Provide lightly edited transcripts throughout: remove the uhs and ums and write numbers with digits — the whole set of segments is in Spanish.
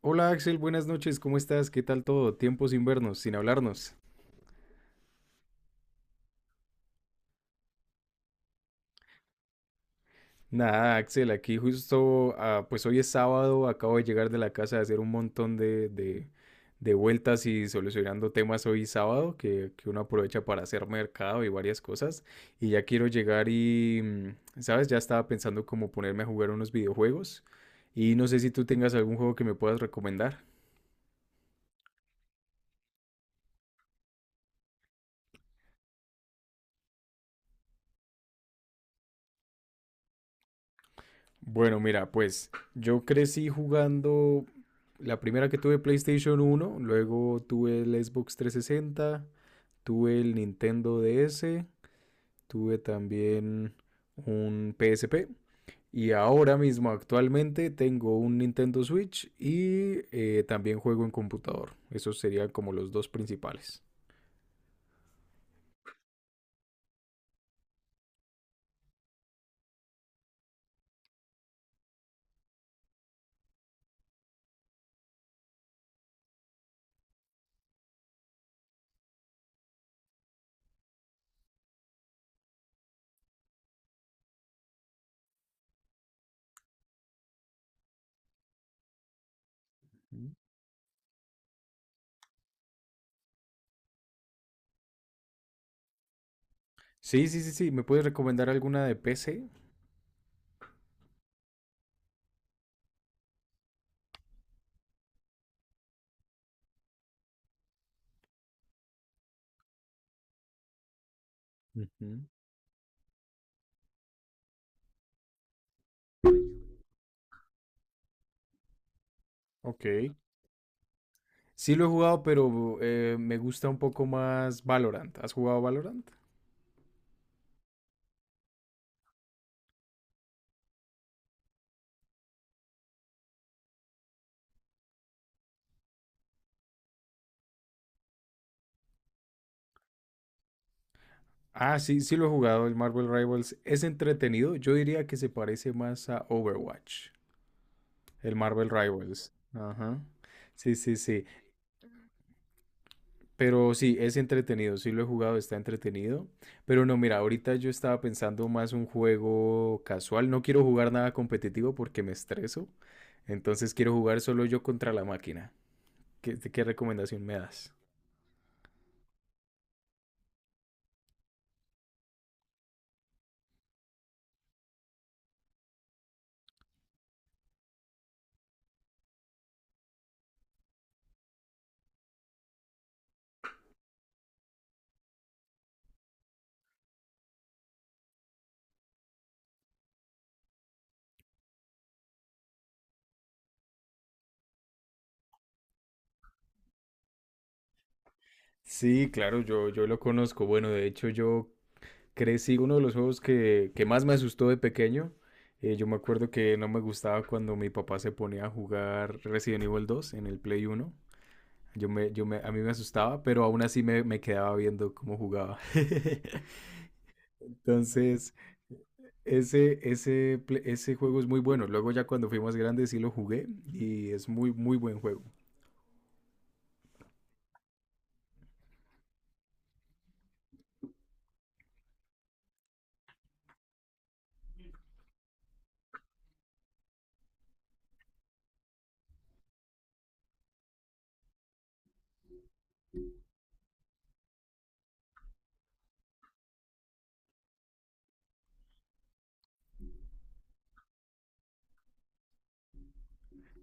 Hola Axel, buenas noches, ¿cómo estás? ¿Qué tal todo? Tiempo sin vernos, sin hablarnos. Nada, Axel, aquí justo, pues hoy es sábado, acabo de llegar de la casa de hacer un montón de de vueltas y solucionando temas hoy sábado, que uno aprovecha para hacer mercado y varias cosas. Y ya quiero llegar y, ¿sabes? Ya estaba pensando como ponerme a jugar unos videojuegos. Y no sé si tú tengas algún juego que me puedas recomendar. Bueno, mira, pues yo crecí jugando la primera que tuve PlayStation uno, luego tuve el Xbox 360, tuve el Nintendo DS, tuve también un PSP y ahora mismo actualmente tengo un Nintendo Switch y también juego en computador. Esos serían como los dos principales. Ujú. Sí, sí, sí, sí. ¿Me puedes recomendar alguna de PC? Ujú. Ok. Sí lo he jugado, pero me gusta un poco más Valorant. ¿Has jugado Valorant? Ah, sí, sí lo he jugado, el Marvel Rivals. Es entretenido. Yo diría que se parece más a Overwatch, el Marvel Rivals. Ajá. Sí, sí, sí. Pero sí, es entretenido. Sí lo he jugado, está entretenido. Pero no, mira, ahorita yo estaba pensando más un juego casual. No quiero jugar nada competitivo porque me estreso. Entonces quiero jugar solo yo contra la máquina. ¿Qué recomendación me das? Sí, claro, yo lo conozco. Bueno, de hecho, yo crecí uno de los juegos que más me asustó de pequeño. Yo me acuerdo que no me gustaba cuando mi papá se ponía a jugar Resident Evil dos en el Play uno. A mí me asustaba, pero aún así me quedaba viendo cómo jugaba. Entonces, ese juego es muy bueno. Luego ya cuando fui más grande sí lo jugué y es muy, muy buen juego.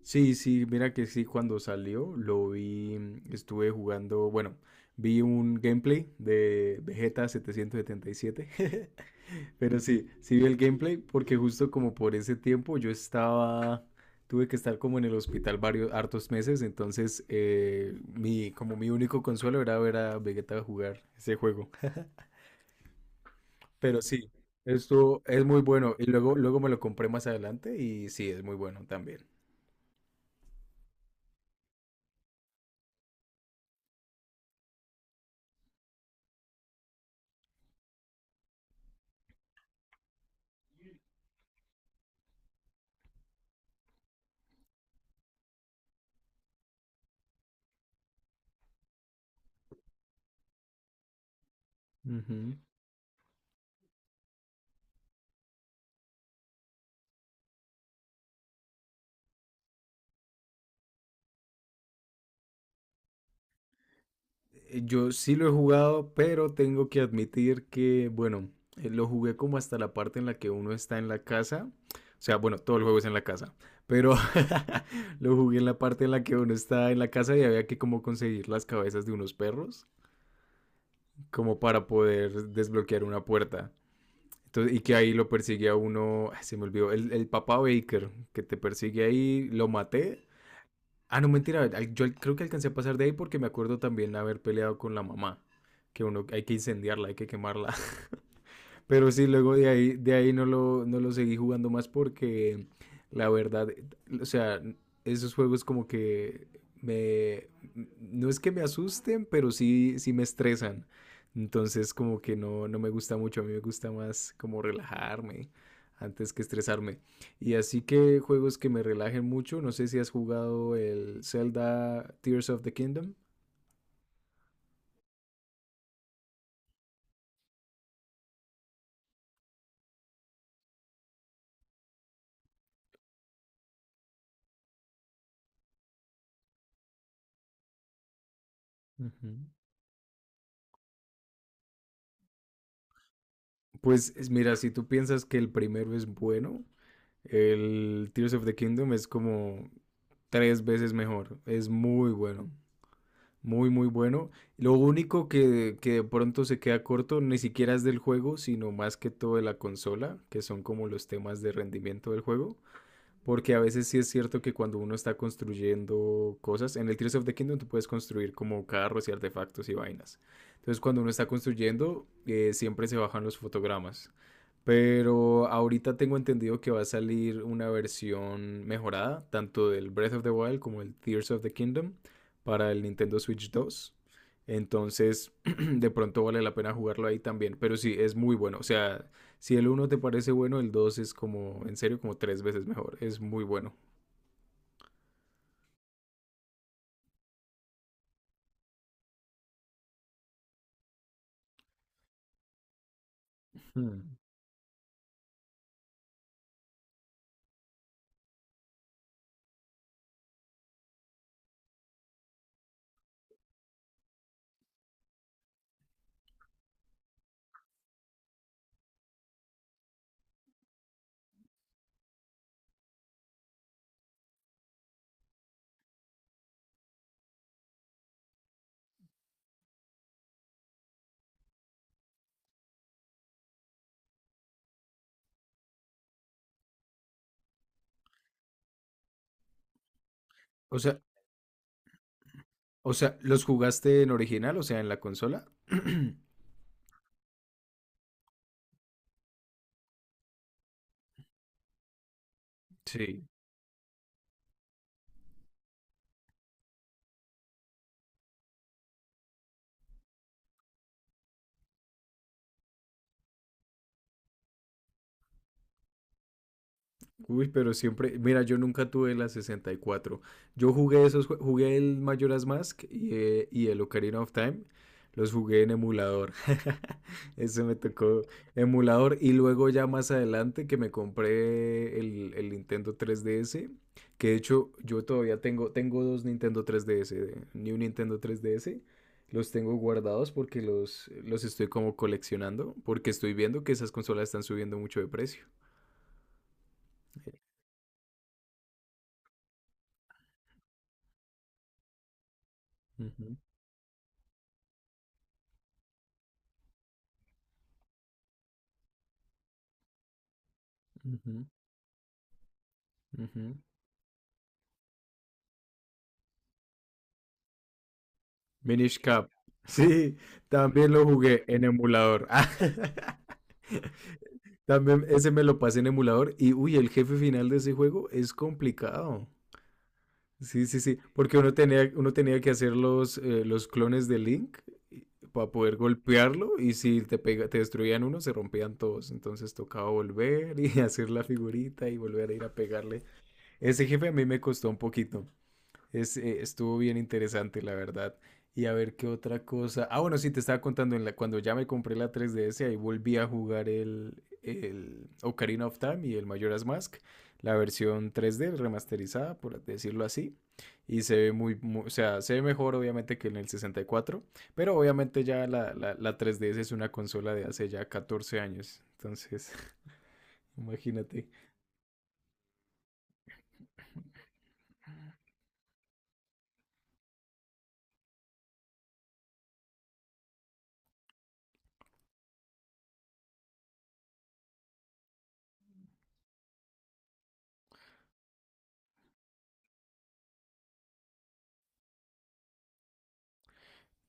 Sí, sí, mira que sí, cuando salió lo vi, estuve jugando, bueno, vi un gameplay de Vegeta 777, pero sí, sí vi el gameplay porque justo como por ese tiempo yo estaba, tuve que estar como en el hospital varios, hartos meses, entonces mi, como mi único consuelo era ver a Vegeta jugar ese juego, pero sí, esto es muy bueno y luego, luego me lo compré más adelante y sí, es muy bueno también. Ujú. Yo sí lo he jugado, pero tengo que admitir que, bueno, lo jugué como hasta la parte en la que uno está en la casa. O sea, bueno, todo el juego es en la casa, pero lo jugué en la parte en la que uno está en la casa y había que como conseguir las cabezas de unos perros, como para poder desbloquear una puerta. Entonces, y que ahí lo persigue a uno, ay, se me olvidó, el papá Baker, que te persigue ahí, lo maté. Ah, no, mentira. Creo que alcancé a pasar de ahí porque me acuerdo también haber peleado con la mamá. Que uno hay que incendiarla, hay que quemarla. Pero sí, luego de ahí no lo, no lo seguí jugando más porque la verdad, o sea, esos juegos como que me, no es que me asusten, pero sí, sí me estresan. Entonces como que no, no me gusta mucho, a mí me gusta más como relajarme antes que estresarme. Y así que juegos que me relajen mucho, no sé si has jugado el Zelda Tears of the Kingdom. Ujú. Pues mira, si tú piensas que el primero es bueno, el Tears of the Kingdom es como tres veces mejor. Es muy bueno. Muy, muy bueno. Lo único que de pronto se queda corto ni siquiera es del juego, sino más que todo de la consola, que son como los temas de rendimiento del juego. Porque a veces sí es cierto que cuando uno está construyendo cosas, en el Tears of the Kingdom tú puedes construir como carros y artefactos y vainas. Entonces cuando uno está construyendo, siempre se bajan los fotogramas. Pero ahorita tengo entendido que va a salir una versión mejorada, tanto del Breath of the Wild como el Tears of the Kingdom, para el Nintendo Switch 2. Entonces, de pronto vale la pena jugarlo ahí también. Pero sí, es muy bueno. O sea, si el uno te parece bueno, el 2 es como, en serio, como tres veces mejor. Es muy bueno. Hmm. O sea, o sea, ¿los jugaste en original? O sea, en la consola. Sí, uy, pero siempre, mira, yo nunca tuve la sesenta y cuatro. Yo jugué esos, jugué el Majora's Mask y el Ocarina of Time. Los jugué en emulador. Ese me tocó emulador. Y luego ya más adelante que me compré el Nintendo 3DS. Que de hecho yo todavía tengo, tengo dos Nintendo 3DS. New Nintendo 3DS. Los tengo guardados porque los estoy como coleccionando. Porque estoy viendo que esas consolas están subiendo mucho de precio. Ujú. Ujú, ujú. Minish Cap. Sí, también lo jugué en emulador. Ah, también ese me lo pasé en emulador y uy, el jefe final de ese juego es complicado. Sí, sí, sí, porque uno tenía que hacer los clones de Link para poder golpearlo y si te pega, te destruían uno, se rompían todos. Entonces tocaba volver y hacer la figurita y volver a ir a pegarle. Ese jefe a mí me costó un poquito. Es, estuvo bien interesante, la verdad. Y a ver qué otra cosa. Ah, bueno, sí, te estaba contando, cuando ya me compré la 3DS, ahí volví a jugar el Ocarina of Time y el Majora's Mask, la versión 3D remasterizada, por decirlo así. Y se ve muy, o sea, se ve mejor obviamente que en el 64, pero obviamente ya la 3DS es una consola de hace ya 14 años. Entonces, imagínate.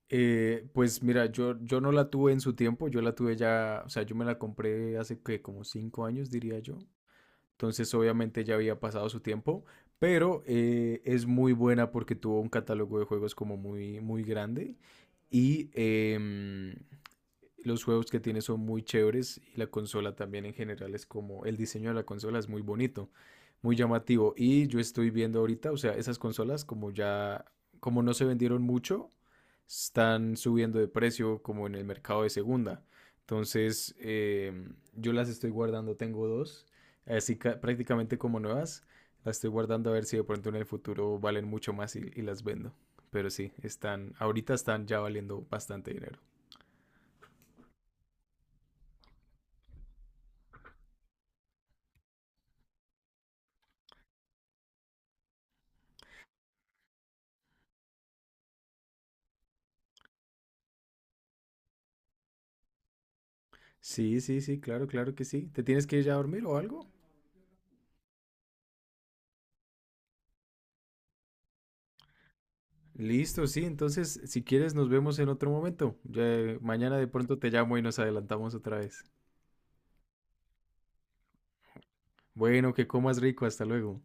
Pues mira, yo no la tuve en su tiempo, yo la tuve ya, o sea, yo me la compré hace que como 5 años, diría yo. Entonces, obviamente ya había pasado su tiempo, pero es muy buena porque tuvo un catálogo de juegos como muy, muy grande y los juegos que tiene son muy chéveres y la consola también en general es como el diseño de la consola es muy bonito, muy llamativo. Y yo estoy viendo ahorita, o sea, esas consolas como ya, como no se vendieron mucho, están subiendo de precio como en el mercado de segunda. Entonces, yo las estoy guardando, tengo dos, así prácticamente como nuevas. Las estoy guardando a ver si de pronto en el futuro valen mucho más y las vendo. Pero sí, están, ahorita están ya valiendo bastante dinero. Sí, sí, sí, claro, claro que sí. ¿Te tienes que ir ya a dormir o algo? Listo, sí. Entonces, si quieres, nos vemos en otro momento. Ya, mañana de pronto te llamo y nos adelantamos otra vez. Bueno, que comas rico. Hasta luego.